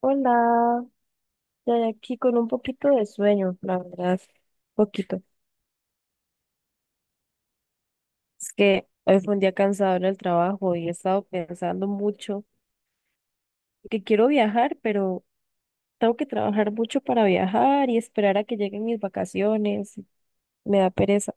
Hola, ya de aquí con un poquito de sueño, la verdad, poquito. Es que hoy fue un día cansado en el trabajo y he estado pensando mucho que quiero viajar, pero tengo que trabajar mucho para viajar y esperar a que lleguen mis vacaciones. Me da pereza.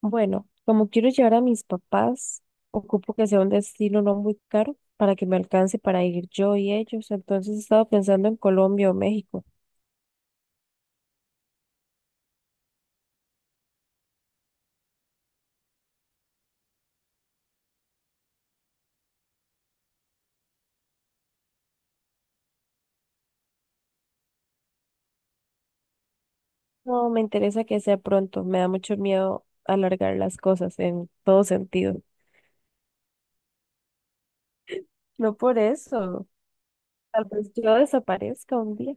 Bueno, como quiero llevar a mis papás, ocupo que sea un destino no muy caro para que me alcance para ir yo y ellos. Entonces he estado pensando en Colombia o México. No, me interesa que sea pronto. Me da mucho miedo alargar las cosas en todo sentido. No por eso. Tal vez yo desaparezca un día.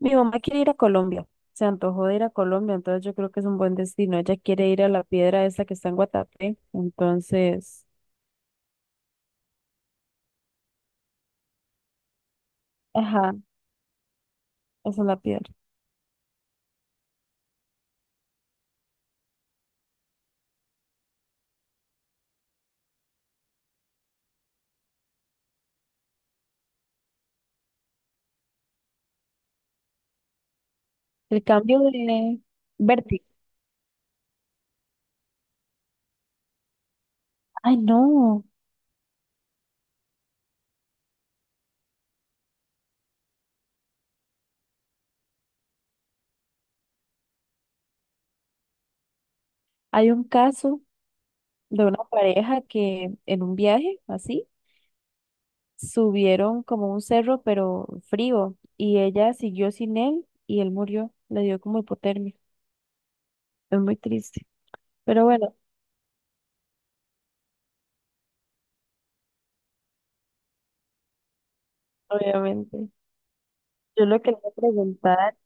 Mi mamá quiere ir a Colombia. Se antojó de ir a Colombia, entonces yo creo que es un buen destino. Ella quiere ir a la piedra esa que está en Guatapé. Entonces, ajá, esa es la piedra. El cambio de vértigo. Ay, no. Hay un caso de una pareja que en un viaje así. Subieron como un cerro, pero frío, y ella siguió sin él y él murió. Le dio como hipotermia. Es muy triste. Pero bueno, obviamente. Yo lo que le iba a preguntar,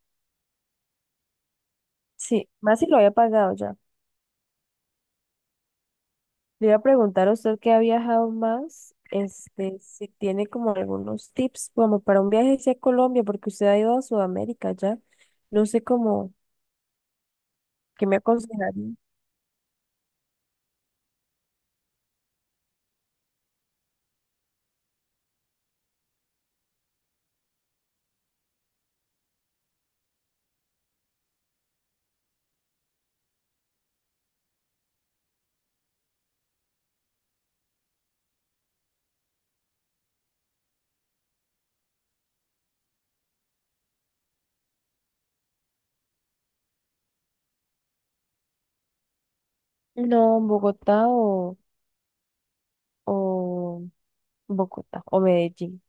sí, más si lo había pagado ya. Le iba a preguntar a usted que ha viajado más, este, si tiene como algunos tips como para un viaje hacia Colombia, porque usted ha ido a Sudamérica ya. No sé cómo, ¿qué me aconsejaría? No, Bogotá o Bogotá o Medellín.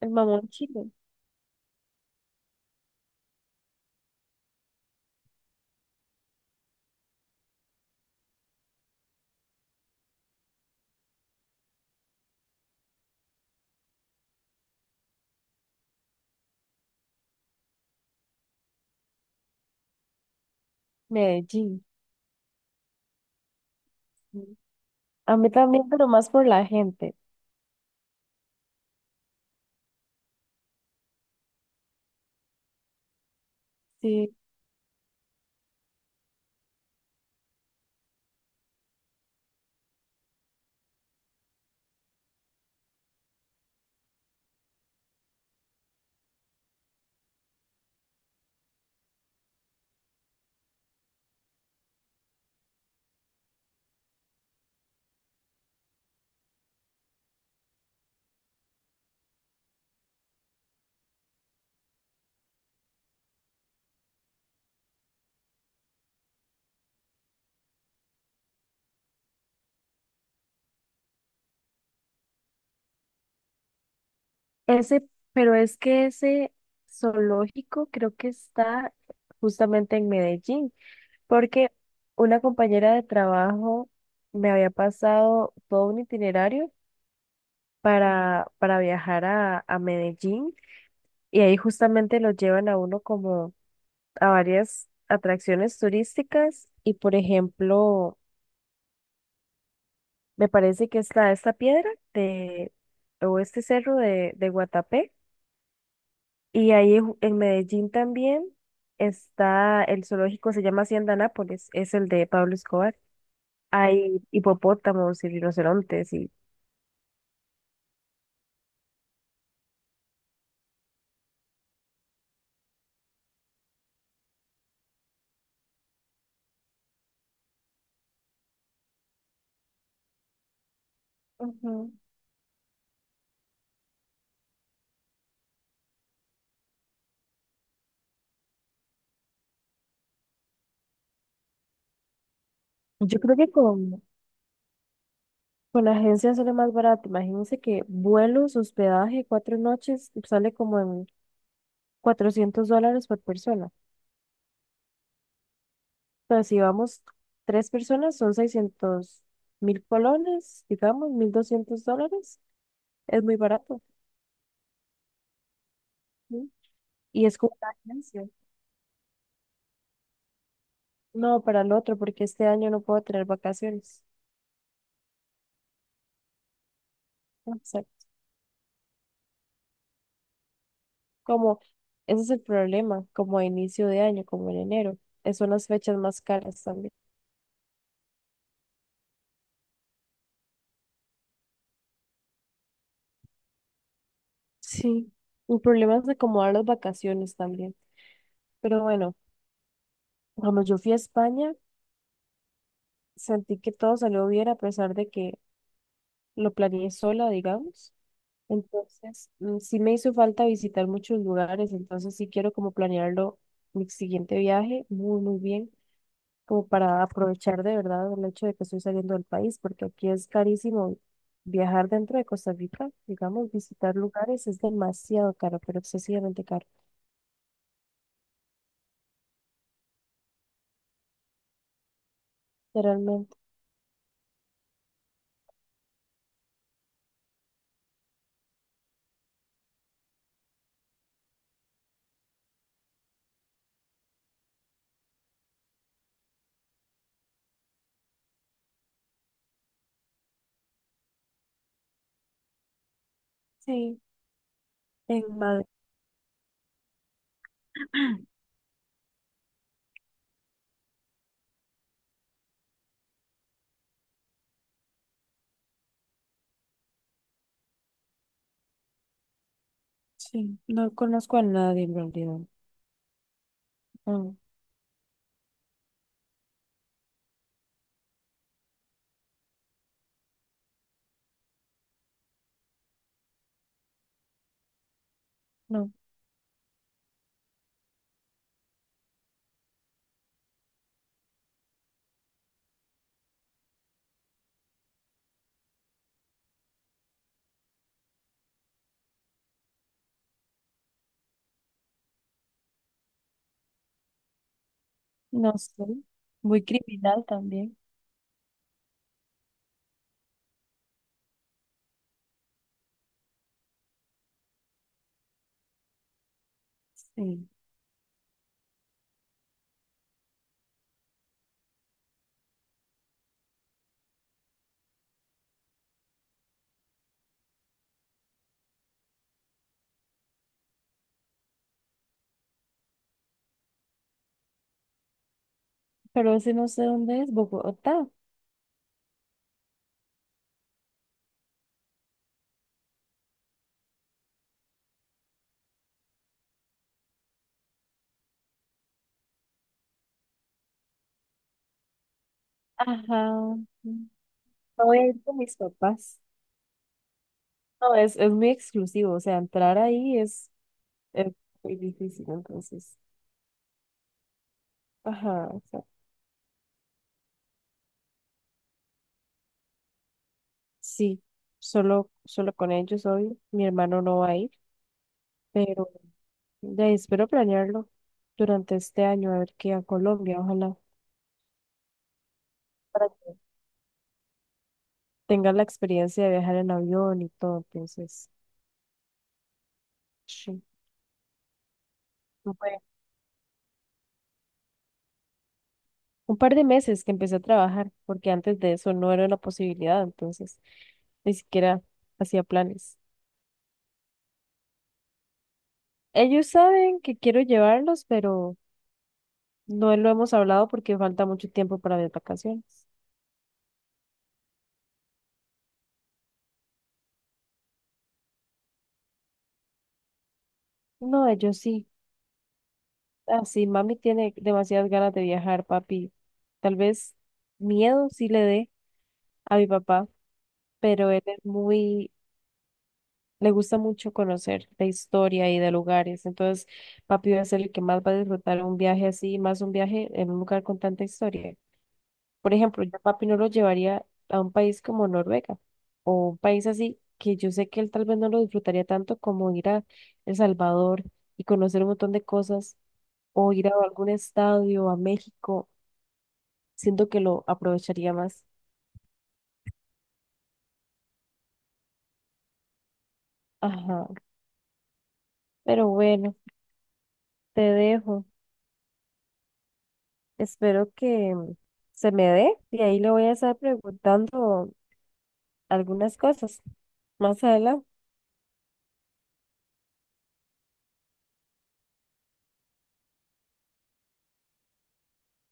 El mamón chino. Medellín. A mí también, pero más por la gente. Sí. Ese, pero es que ese zoológico creo que está justamente en Medellín, porque una compañera de trabajo me había pasado todo un itinerario para viajar a Medellín y ahí justamente lo llevan a uno como a varias atracciones turísticas y por ejemplo... Me parece que está esta piedra de, o este cerro de Guatapé. Y ahí en Medellín también está el zoológico, se llama Hacienda Nápoles, es el de Pablo Escobar. Hay hipopótamos y rinocerontes y Ujú. Yo creo que con agencia sale más barato. Imagínense que vuelos, hospedaje, 4 noches, sale como en $400 por persona. Entonces, si vamos tres personas, son 600.000 colones, digamos, $1.200. Es muy barato. ¿Sí? Y es como una ganancia. No, para el otro, porque este año no puedo tener vacaciones. Exacto. Como, ese es el problema, como a inicio de año, como en enero. Es Son las fechas más caras también. Sí. El problema es de acomodar las vacaciones también. Pero bueno, cuando yo fui a España, sentí que todo salió bien a pesar de que lo planeé sola, digamos. Entonces, mm, sí me hizo falta visitar muchos lugares, entonces sí quiero como planearlo mi siguiente viaje muy, muy bien, como para aprovechar de verdad el hecho de que estoy saliendo del país, porque aquí es carísimo viajar dentro de Costa Rica, digamos, visitar lugares es demasiado caro, pero excesivamente caro, realmente. Sí, en Madrid, sí, no conozco a nadie en realidad. No, no, no sé. Muy criminal también. Sí, pero ese no sé dónde es, Bogotá. Ajá. No voy a ir con mis papás. No, es muy exclusivo, o sea, entrar ahí es muy difícil, entonces. Ajá, o sea, sí, solo con ellos hoy, mi hermano no va a ir, pero de ahí espero planearlo durante este año, a ver qué a Colombia, ojalá, para que tengan la experiencia de viajar en avión y todo, entonces, sí. Un par de meses que empecé a trabajar, porque antes de eso no era una posibilidad, entonces ni siquiera hacía planes. Ellos saben que quiero llevarlos, pero no lo hemos hablado porque falta mucho tiempo para mis vacaciones. No, ellos sí. Así, mami tiene demasiadas ganas de viajar, papi. Tal vez miedo sí le dé a mi papá, pero él es muy le gusta mucho conocer la historia y de lugares. Entonces, papi va a ser el que más va a disfrutar un viaje así, más un viaje en un lugar con tanta historia. Por ejemplo, yo a papi no lo llevaría a un país como Noruega o un país así que yo sé que él tal vez no lo disfrutaría tanto como ir a El Salvador y conocer un montón de cosas o ir a algún estadio, a México. Siento que lo aprovecharía más. Ajá, pero bueno, te dejo. Espero que se me dé y ahí le voy a estar preguntando algunas cosas más adelante.